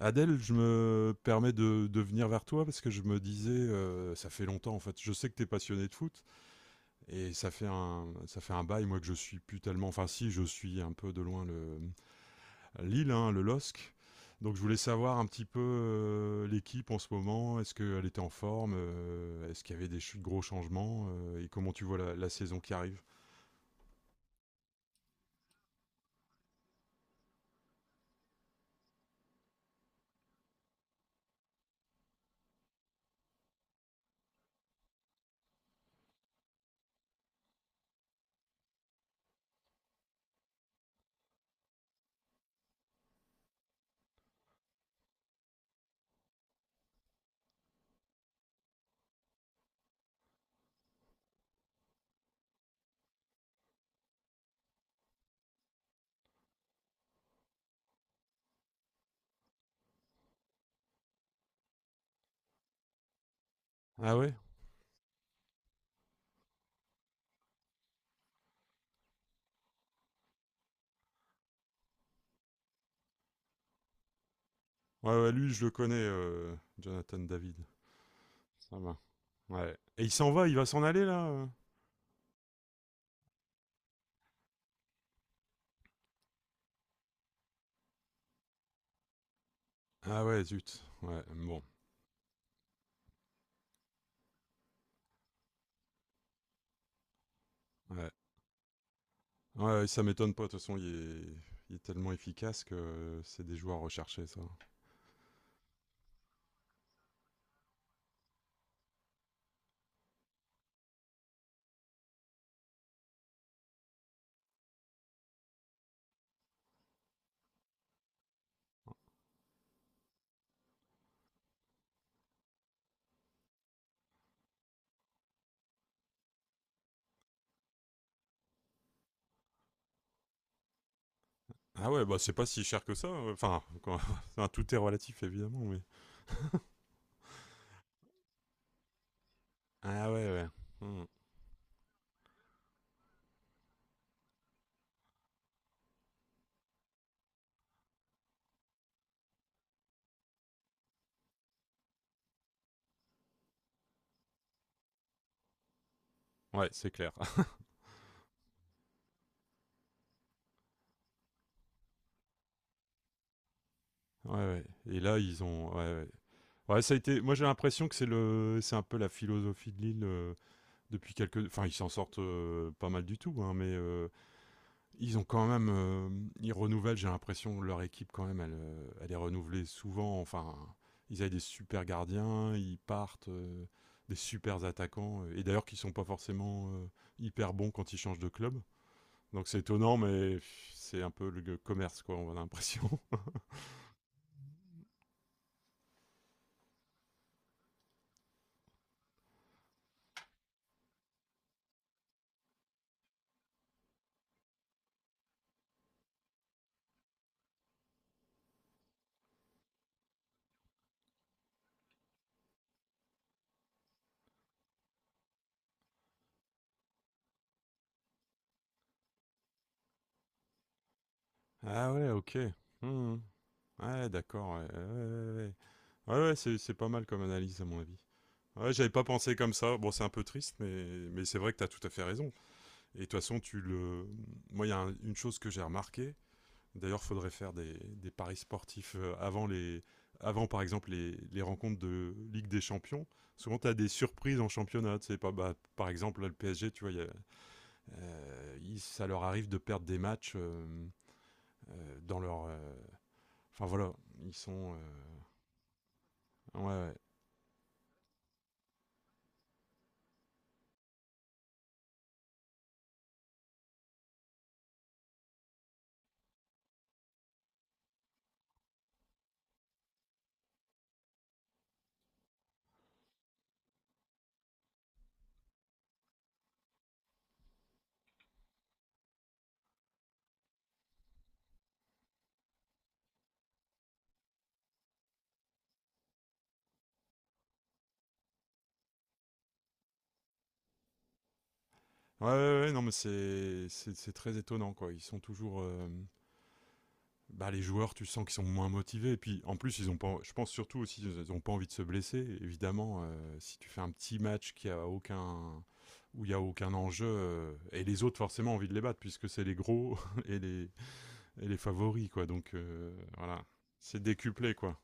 Adèle, je me permets de venir vers toi parce que je me disais, ça fait longtemps en fait, je sais que tu es passionné de foot et ça fait un bail, moi que je suis plus tellement, enfin si, je suis un peu de loin le Lille, hein, le LOSC. Donc je voulais savoir un petit peu l'équipe en ce moment, est-ce qu'elle était en forme, est-ce qu'il y avait gros changements et comment tu vois la saison qui arrive. Ah ouais? Ouais, ouais, lui je le connais, Jonathan David. Ça va. Ouais. Et il s'en va, il va s'en aller là? Ah ouais, zut. Ouais, bon. Ouais. Ouais, ça m'étonne pas. De toute façon, il est tellement efficace que c'est des joueurs recherchés, ça. Ah ouais, bah c'est pas si cher que ça. Enfin, enfin, tout est relatif, évidemment, mais... Ah ouais, ouais. Hmm. Ouais, c'est clair. Ouais, ouais. Et là, ils ont... Ouais, ouais. Ouais, ça a été... Moi, j'ai l'impression que c'est le... c'est un peu la philosophie de Lille, depuis quelques... Enfin, ils s'en sortent pas mal du tout, hein, mais... ils ont quand même, ils renouvellent. J'ai l'impression que leur équipe quand même, elle, elle est renouvelée souvent. Enfin, ils avaient des super gardiens, ils partent, des super attaquants, et d'ailleurs qui sont pas forcément hyper bons quand ils changent de club. Donc c'est étonnant, mais pff, c'est un peu le commerce quoi, on a l'impression. Ah ouais, ok. Hmm. Ouais, d'accord. Ouais, ouais, ouais, ouais. Ouais, ouais, c'est pas mal comme analyse à mon avis. Ouais, j'avais pas pensé comme ça. Bon, c'est un peu triste, mais c'est vrai que t'as tout à fait raison. Et de toute façon, tu le. Moi, il y a un- une chose que j'ai remarquée. D'ailleurs, faudrait faire des paris sportifs avant les, avant par exemple les rencontres de Ligue des Champions. Souvent, tu as des surprises en championnat. Tu sais pas, bah, par exemple, là, le PSG, tu vois, il y a- ils- ça leur arrive de perdre des matchs dans leur. Enfin voilà, ils sont. Ouais, ouais. Ouais, ouais, ouais, non, mais c'est très étonnant, quoi. Ils sont toujours. Bah, les joueurs, tu sens qu'ils sont moins motivés. Et puis, en plus, ils ont pas, je pense surtout aussi, ils n'ont pas envie de se blesser. Évidemment, si tu fais un petit match qui a aucun, où il n'y a aucun enjeu, et les autres, forcément, ont envie de les battre, puisque c'est les gros et les, et les favoris, quoi. Donc, voilà. C'est décuplé, quoi.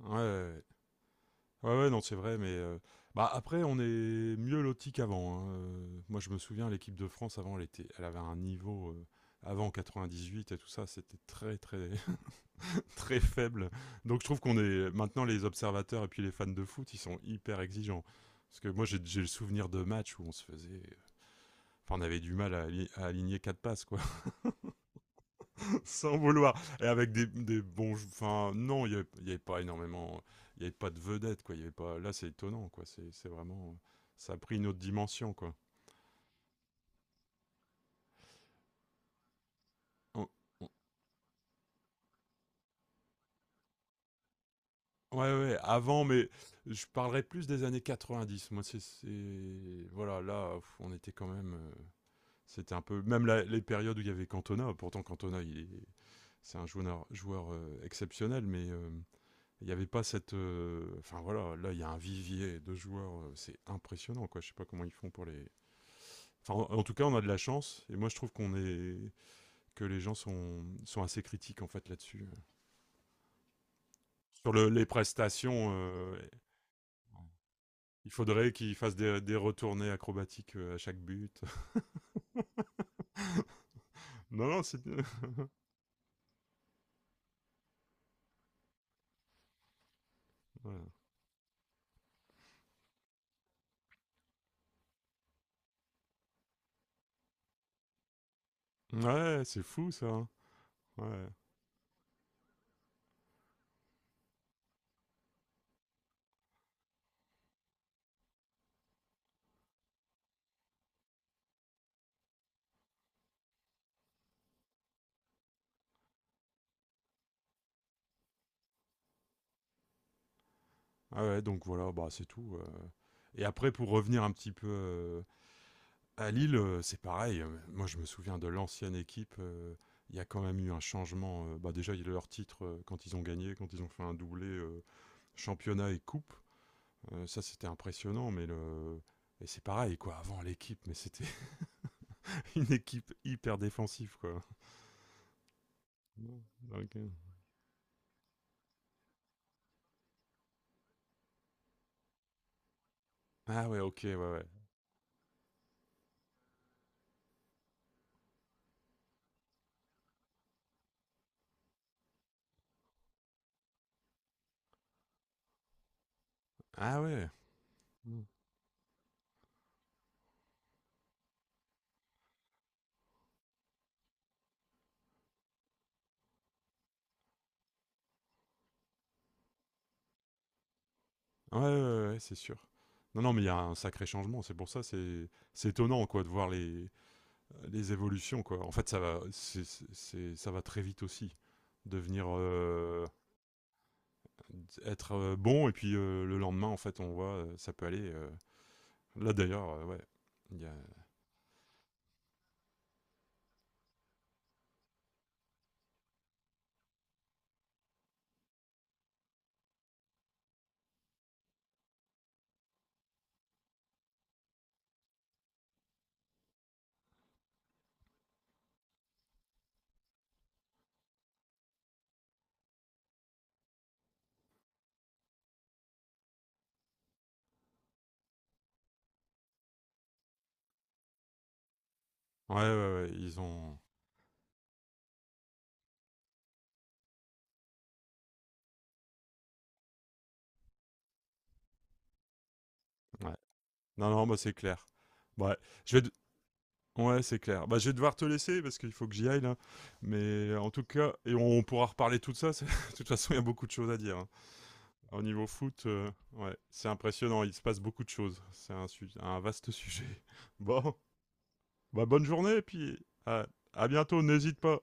Ouais, ouais, ouais, ouais, non, c'est vrai, mais. Bah, après, on est mieux loti qu'avant. Hein. Moi, je me souviens, l'équipe de France, avant, elle, était, elle avait un niveau. Avant 98 et tout ça, c'était très, très. Très faible. Donc je trouve qu'on est maintenant les observateurs et puis les fans de foot, ils sont hyper exigeants. Parce que moi j'ai le souvenir de matchs où on se faisait, enfin on avait du mal à, à aligner quatre passes quoi, sans vouloir. Et avec des bons, enfin non, il y avait pas énormément, il y avait pas de vedettes quoi. Il y avait pas. Là c'est étonnant quoi. C'est vraiment, ça a pris une autre dimension quoi. On- on- Ouais, ouais, avant, mais je parlerai plus des années 90. Moi, c'est. Voilà, là, pff, on était quand même. C'était un peu même les périodes où il y avait Cantona. Pourtant Cantona, c'est un joueur, joueur exceptionnel, mais il n'y avait pas cette. Enfin voilà, là il y a un vivier de joueurs, c'est impressionnant quoi. Je sais pas comment ils font pour les. Enfin, en tout cas, on a de la chance, et moi je trouve qu'on est que les gens sont assez critiques en fait là-dessus. Sur les prestations, il faudrait qu'ils fassent des retournées acrobatiques à chaque but. non non, c'est voilà. ouais, c'est fou ça. Hein. Ouais. Ah ouais, donc voilà, bah c'est tout. Et après, pour revenir un petit peu à Lille, c'est pareil. Moi, je me souviens de l'ancienne équipe. Il y a quand même eu un changement. Bah déjà, il y a leur titre quand ils ont gagné, quand ils ont fait un doublé championnat et coupe. Ça, c'était impressionnant. Mais le et c'est pareil quoi. Avant l'équipe, mais c'était une équipe hyper défensive quoi. Ah ouais, ok, ouais, ouais. Ah ouais. Mm. Ouais, ouais, ouais, ouais, c'est sûr. Non, non, mais il y a un sacré changement. C'est pour ça, c'est étonnant quoi de voir les évolutions, quoi. En fait, ça va, ça va très vite aussi. Devenir, être bon, et puis le lendemain, en fait, on voit, ça peut aller. Là, d'ailleurs, ouais. il y a- Ouais, ouais, ouais, ils ont. Ouais. Non, non, bah, c'est clair. Ouais, je vais. Ouais, c'est clair. Bah, je vais devoir te laisser parce qu'il faut que j'y aille là. Mais en tout cas, et on pourra reparler de tout ça. De toute façon, il y a beaucoup de choses à dire. Hein. Au niveau foot, ouais, c'est impressionnant. Il se passe beaucoup de choses. C'est un, un vaste sujet. Bon. Bah, bonne journée et puis à, à bientôt, n'hésite pas.